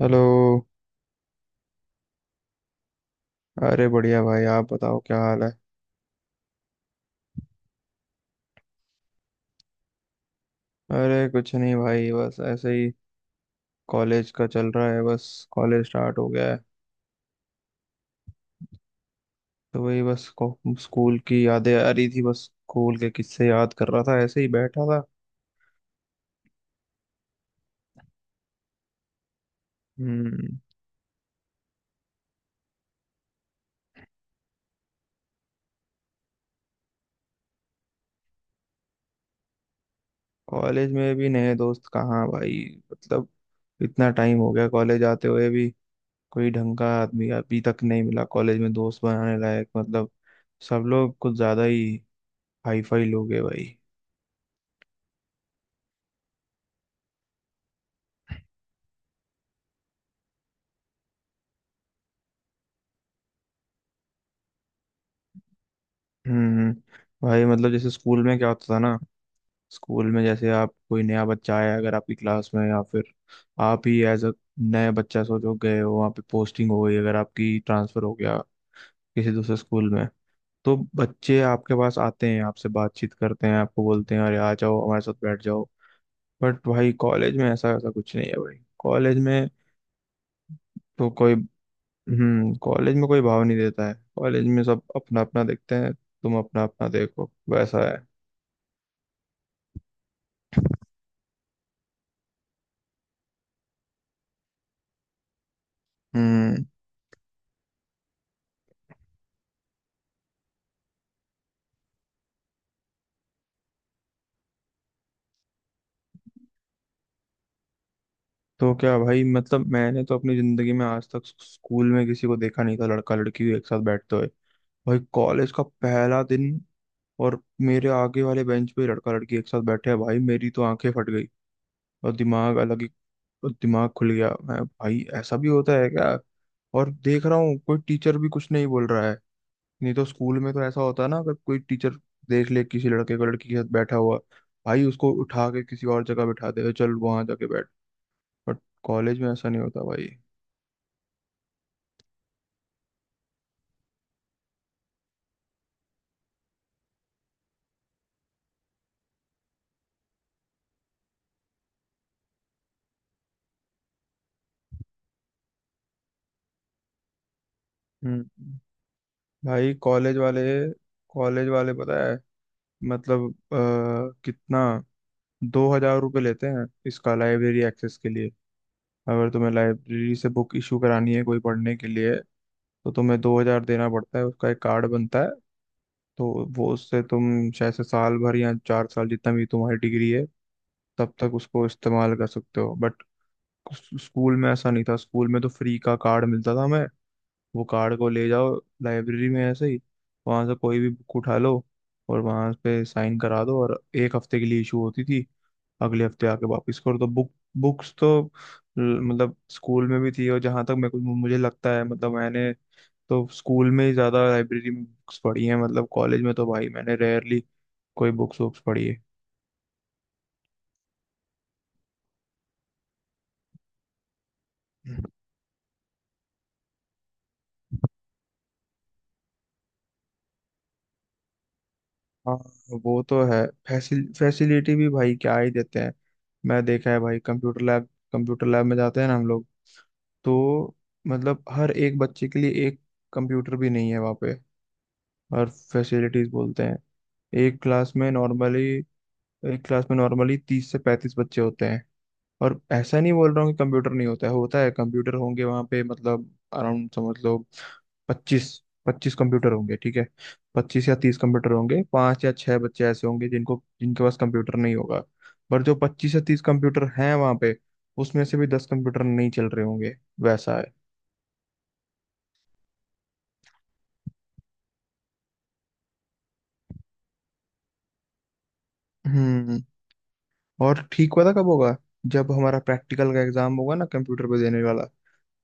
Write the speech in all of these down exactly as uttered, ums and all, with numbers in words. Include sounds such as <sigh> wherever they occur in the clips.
Hello. अरे बढ़िया भाई, आप बताओ क्या हाल है। अरे कुछ नहीं भाई, बस ऐसे ही। कॉलेज का चल रहा है बस। कॉलेज स्टार्ट हो गया है। तो वही बस को- स्कूल की यादें आ रही थी, बस स्कूल के किस्से याद कर रहा था, ऐसे ही बैठा था। हम्म। कॉलेज में भी नए दोस्त कहाँ भाई। मतलब इतना टाइम हो गया कॉलेज आते हुए भी। कोई ढंग का आदमी अभी तक नहीं मिला कॉलेज में दोस्त बनाने लायक। मतलब सब लोग कुछ ज्यादा ही हाई फाई लोग हैं भाई। हम्म। भाई मतलब जैसे स्कूल में क्या होता था ना, स्कूल में जैसे आप कोई नया बच्चा आया अगर आपकी क्लास में, या फिर आप ही एज अ नया बच्चा सोचो गए हो वहाँ पे, पोस्टिंग हो गई अगर आपकी, ट्रांसफर हो गया किसी दूसरे स्कूल में, तो बच्चे आपके पास आते हैं, आपसे बातचीत करते हैं, आपको बोलते हैं अरे आ जाओ हमारे साथ बैठ जाओ। बट भाई कॉलेज में ऐसा ऐसा कुछ नहीं है भाई, कॉलेज में तो कोई। हम्म। कॉलेज में कोई भाव नहीं देता है, कॉलेज में सब अपना अपना देखते हैं, तुम अपना अपना देखो, वैसा है। हम्म। तो क्या भाई, मतलब मैंने तो अपनी जिंदगी में आज तक स्कूल में किसी को देखा नहीं था लड़का लड़की एक साथ बैठते हुए। भाई कॉलेज का पहला दिन और मेरे आगे वाले बेंच पे लड़का लड़की एक साथ बैठे हैं भाई, मेरी तो आंखें फट गई और दिमाग अलग ही, और दिमाग खुल गया। मैं, भाई ऐसा भी होता है क्या। और देख रहा हूँ कोई टीचर भी कुछ नहीं बोल रहा है। नहीं तो स्कूल में तो ऐसा होता है ना, अगर कोई टीचर देख ले किसी लड़के को लड़की के साथ बैठा हुआ, भाई उसको उठा के किसी और जगह बिठा दे, चल वहां जाके बैठ। बट कॉलेज में ऐसा नहीं होता भाई। हम्म। भाई कॉलेज वाले कॉलेज वाले पता है, मतलब अ, कितना दो हज़ार रुपये लेते हैं इसका लाइब्रेरी एक्सेस के लिए, अगर तुम्हें लाइब्रेरी से बुक इशू करानी है कोई पढ़ने के लिए, तो तुम्हें दो हज़ार देना पड़ता है, उसका एक कार्ड बनता है। तो वो उससे तुम शायद से साल भर या चार साल, जितना भी तुम्हारी डिग्री है तब तक, उसको इस्तेमाल कर सकते हो। बट स्कूल में ऐसा नहीं था। स्कूल में तो फ्री का कार्ड मिलता था हमें, वो कार्ड को ले जाओ लाइब्रेरी में, ऐसे ही वहां से कोई भी बुक उठा लो और वहां पे साइन करा दो, और एक हफ्ते के लिए इशू होती थी, अगले हफ्ते आके वापस करो तो बुक। बुक्स तो ल- मतलब स्कूल में भी थी, और जहां तक मैं कुछ, मुझे लगता है मतलब मैंने तो स्कूल में ही ज्यादा लाइब्रेरी में बुक्स पढ़ी हैं। मतलब कॉलेज में तो भाई मैंने रेयरली कोई बुक्स वुक्स पढ़ी है। हाँ। वो तो है, फैसिल फैसिलिटी भी भाई क्या ही देते हैं। मैं देखा है भाई, कंप्यूटर लैब कंप्यूटर लैब में जाते हैं ना हम लोग, तो मतलब हर एक बच्चे के लिए एक कंप्यूटर भी नहीं है वहाँ पे, और फैसिलिटीज बोलते हैं। एक क्लास में नॉर्मली एक क्लास में नॉर्मली तीस से पैंतीस बच्चे होते हैं। और ऐसा नहीं बोल रहा हूँ कि कंप्यूटर नहीं होता है, होता है, कंप्यूटर होंगे वहाँ पे, मतलब अराउंड समझ लो पच्चीस पच्चीस कंप्यूटर होंगे, ठीक है। पच्चीस या तीस कंप्यूटर होंगे, पांच या छह बच्चे ऐसे होंगे जिनको, जिनके पास कंप्यूटर नहीं होगा। पर जो पच्चीस या तीस कंप्यूटर हैं वहाँ पे, उसमें से भी दस कंप्यूटर नहीं चल रहे होंगे, वैसा है। हम्म। और ठीक पता कब होगा, जब हमारा प्रैक्टिकल का एग्जाम होगा ना कंप्यूटर पे देने वाला,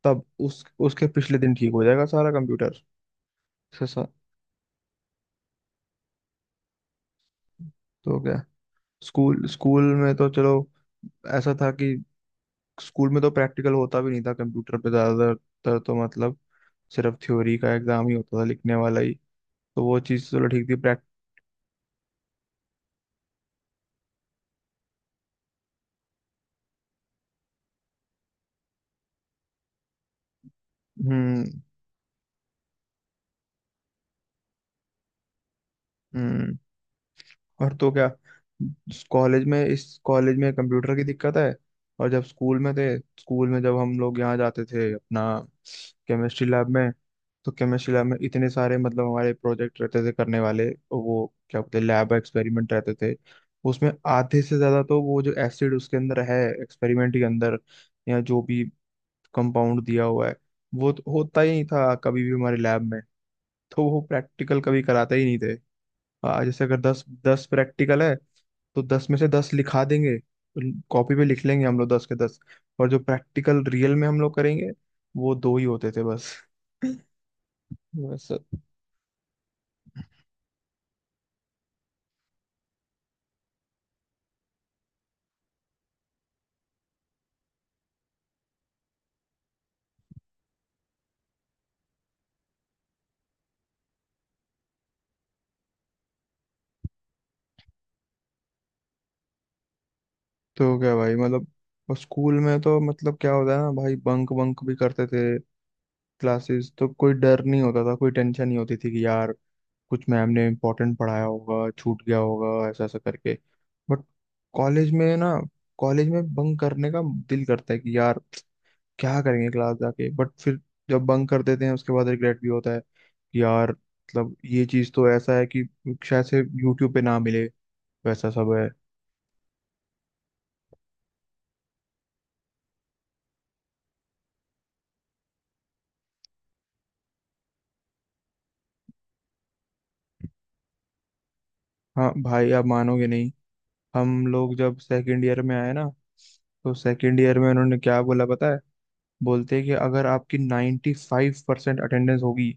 तब उस उसके पिछले दिन ठीक हो जाएगा सारा कंप्यूटर। से सा, तो क्या, स्कूल स्कूल में तो चलो ऐसा था कि स्कूल में तो प्रैक्टिकल होता भी नहीं था कंप्यूटर पे ज्यादातर, तो तो मतलब सिर्फ थ्योरी का एग्जाम ही होता था लिखने वाला ही। तो वो चीज़ चलो ठीक थी, प्रैक्ट। हम्म। हम्म। और तो क्या, कॉलेज में, इस कॉलेज में कंप्यूटर की दिक्कत है। और जब स्कूल में थे, स्कूल में जब हम लोग यहाँ जाते थे अपना केमिस्ट्री लैब में, तो केमिस्ट्री लैब में इतने सारे, मतलब हमारे प्रोजेक्ट रहते थे करने वाले, वो क्या बोलते हैं, लैब एक्सपेरिमेंट रहते थे। उसमें आधे से ज्यादा तो वो जो एसिड उसके अंदर है एक्सपेरिमेंट के अंदर, या जो भी कंपाउंड दिया हुआ है, वो तो होता ही नहीं था कभी भी हमारे लैब में, तो वो प्रैक्टिकल कभी कराते ही नहीं थे। आ, जैसे अगर दस दस प्रैक्टिकल है, तो दस में से दस लिखा देंगे, तो कॉपी पे लिख लेंगे हम लोग दस के दस। और जो प्रैक्टिकल रियल में हम लोग करेंगे, वो दो ही होते थे बस। <laughs> बस। तो क्या भाई, मतलब और स्कूल में तो मतलब क्या होता है ना भाई, बंक बंक भी करते थे क्लासेस, तो कोई डर नहीं होता था, कोई टेंशन नहीं होती थी कि यार कुछ मैम ने इम्पोर्टेंट पढ़ाया होगा छूट गया होगा, ऐसा ऐसा करके। बट कॉलेज में ना, कॉलेज में बंक करने का दिल करता है कि यार क्या करेंगे क्लास जाके, बट फिर जब बंक कर देते हैं उसके बाद रिग्रेट भी होता है कि यार, मतलब ये चीज तो ऐसा है कि शायद से यूट्यूब पे ना मिले, वैसा सब है। हाँ भाई आप मानोगे नहीं, हम लोग जब सेकंड ईयर में आए ना, तो सेकंड ईयर में उन्होंने क्या बोला पता है, बोलते हैं कि अगर आपकी ninety five percent five percent attendance होगी,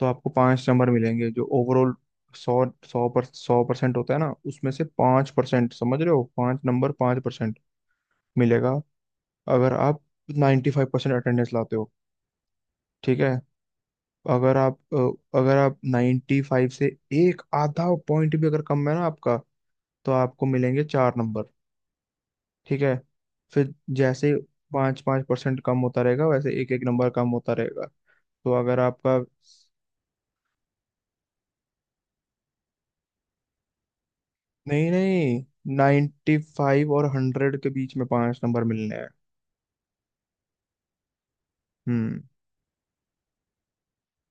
तो आपको पाँच नंबर मिलेंगे जो ओवरऑल, सौ सौ पर सौ परसेंट होता है ना उसमें से पाँच परसेंट, समझ रहे हो, पाँच नंबर, पाँच परसेंट मिलेगा अगर आप नाइन्टी फाइव परसेंट अटेंडेंस लाते हो। ठीक है। अगर आप अ, अगर आप नाइन्टी फाइव से एक आधा पॉइंट भी अगर कम है ना आपका, तो आपको मिलेंगे चार नंबर। ठीक है। फिर जैसे पाँच पाँच परसेंट कम होता रहेगा, वैसे एक एक नंबर कम होता रहेगा। तो अगर आपका, नहीं नहीं, नाइन्टी फाइव और हंड्रेड के बीच में पांच नंबर मिलने हैं। हम्म।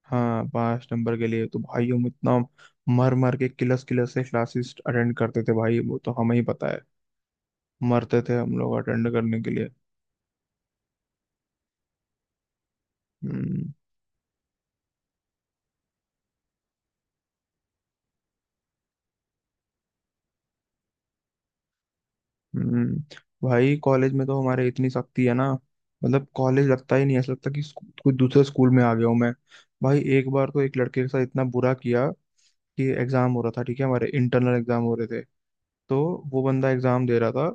हाँ, पांच नंबर के लिए तो भाई हम इतना मर मर के, किलस किलस से क्लासेस अटेंड करते थे भाई, वो तो हमें ही पता है। मरते थे हम लोग अटेंड करने के लिए। हम्म। हम्म। भाई कॉलेज में तो हमारे इतनी सख्ती है ना, मतलब कॉलेज लगता ही नहीं, ऐसा लगता कि स्कू- कोई दूसरे स्कूल में आ गया हूँ मैं। भाई एक बार तो एक लड़के के साथ इतना बुरा किया कि एग्जाम हो रहा था, ठीक है हमारे इंटरनल एग्जाम हो रहे थे, तो वो बंदा एग्जाम दे रहा था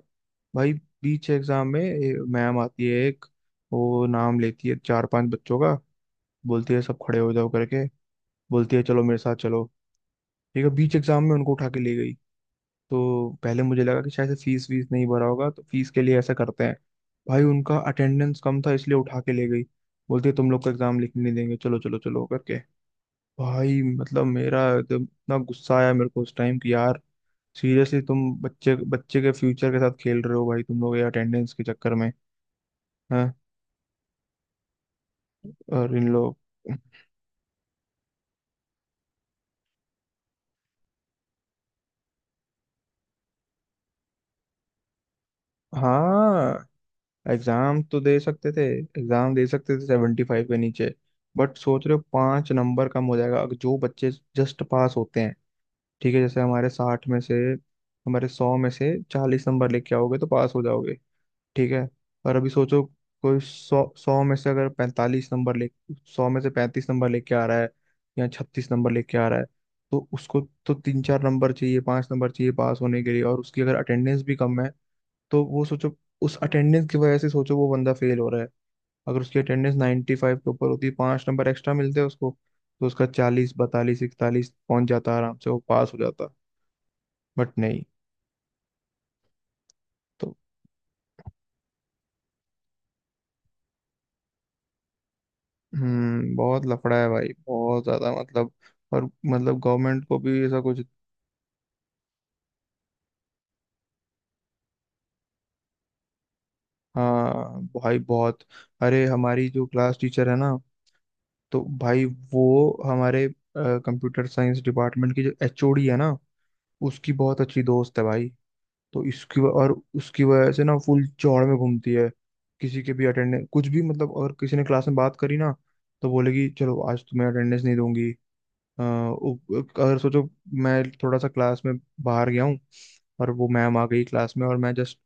भाई, बीच एग्जाम में मैम आती है एक, वो नाम लेती है चार पांच बच्चों का, बोलती है सब खड़े हो जाओ करके, बोलती है चलो मेरे साथ चलो ठीक है, बीच एग्जाम में उनको उठा के ले गई। तो पहले मुझे लगा कि शायद से फीस वीस नहीं भरा होगा, तो फीस के लिए ऐसा करते हैं, भाई उनका अटेंडेंस कम था इसलिए उठा के ले गई, बोलते तुम लोग का एग्जाम लिखने नहीं देंगे, चलो चलो चलो करके। भाई मतलब मेरा एकदम इतना गुस्सा आया मेरे को उस टाइम कि यार, सीरियसली तुम बच्चे बच्चे के फ्यूचर के साथ खेल रहे हो भाई, तुम लोग ये अटेंडेंस के चक्कर में। हाँ। और इन लोग, हाँ एग्जाम तो दे सकते थे। एग्जाम दे सकते थे सेवेंटी फाइव के नीचे, बट सोच रहे हो पांच नंबर कम हो जाएगा, अगर जो बच्चे जस्ट पास होते हैं, ठीक है जैसे हमारे साठ में से, हमारे सौ में से चालीस नंबर लेके आओगे तो पास हो जाओगे, ठीक है। और अभी सोचो कोई, सौ सौ में से अगर पैंतालीस नंबर ले, सौ में से पैंतीस नंबर लेके आ रहा है या छत्तीस नंबर लेके आ रहा है, तो उसको, तो तीन चार नंबर चाहिए, पांच नंबर चाहिए पास होने के लिए, और उसकी अगर अटेंडेंस भी कम है, तो वो सोचो, उस अटेंडेंस की वजह से सोचो वो बंदा फेल हो रहा है। अगर उसकी अटेंडेंस नाइन्टी फाइव के ऊपर होती, पांच नंबर एक्स्ट्रा मिलते हैं उसको, तो उसका चालीस बतालीस इकतालीस पहुंच जाता आराम से, वो पास हो जाता। बट नहीं। तो हम्म बहुत लफड़ा है भाई, बहुत ज्यादा, मतलब और मतलब गवर्नमेंट को भी ऐसा कुछ। हाँ भाई बहुत। अरे हमारी जो क्लास टीचर है ना, तो भाई वो, हमारे कंप्यूटर साइंस डिपार्टमेंट की जो एचओडी है ना, उसकी बहुत अच्छी दोस्त है भाई, तो इसकी व- और उसकी वजह से ना फुल चौड़ में घूमती है। किसी के भी अटेंडेंस कुछ भी, मतलब अगर किसी ने क्लास में बात करी ना, तो बोलेगी चलो आज तुम्हें अटेंडेंस नहीं दूंगी। अ, उ- अगर सोचो मैं थोड़ा सा क्लास में बाहर गया हूँ, और वो मैम आ गई क्लास में, और मैं जस्ट,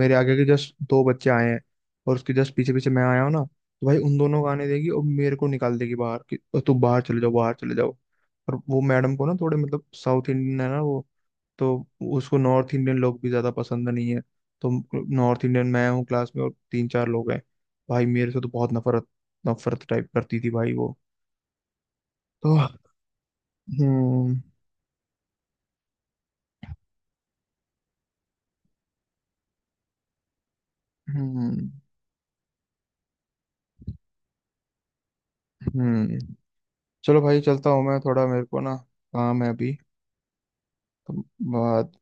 मेरे आगे के जस्ट दो बच्चे आए हैं, और उसके जस्ट पीछे पीछे मैं आया हूँ ना, तो भाई उन दोनों को आने देगी और मेरे को निकाल देगी बाहर कि तुम बाहर चले जाओ, बाहर चले जाओ। और वो मैडम को ना थोड़े मतलब, साउथ इंडियन है ना वो, तो उसको नॉर्थ इंडियन लोग भी ज्यादा पसंद नहीं है, तो नॉर्थ इंडियन मैं हूँ क्लास में और तीन चार लोग हैं। भाई मेरे से तो बहुत नफरत, नफरत टाइप करती थी भाई वो। तो हम्म। हम्म। हम्म। चलो भाई चलता हूँ मैं थोड़ा, मेरे को ना काम है अभी, तो बाद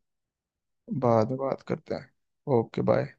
बाद में बात करते हैं। Okay bye.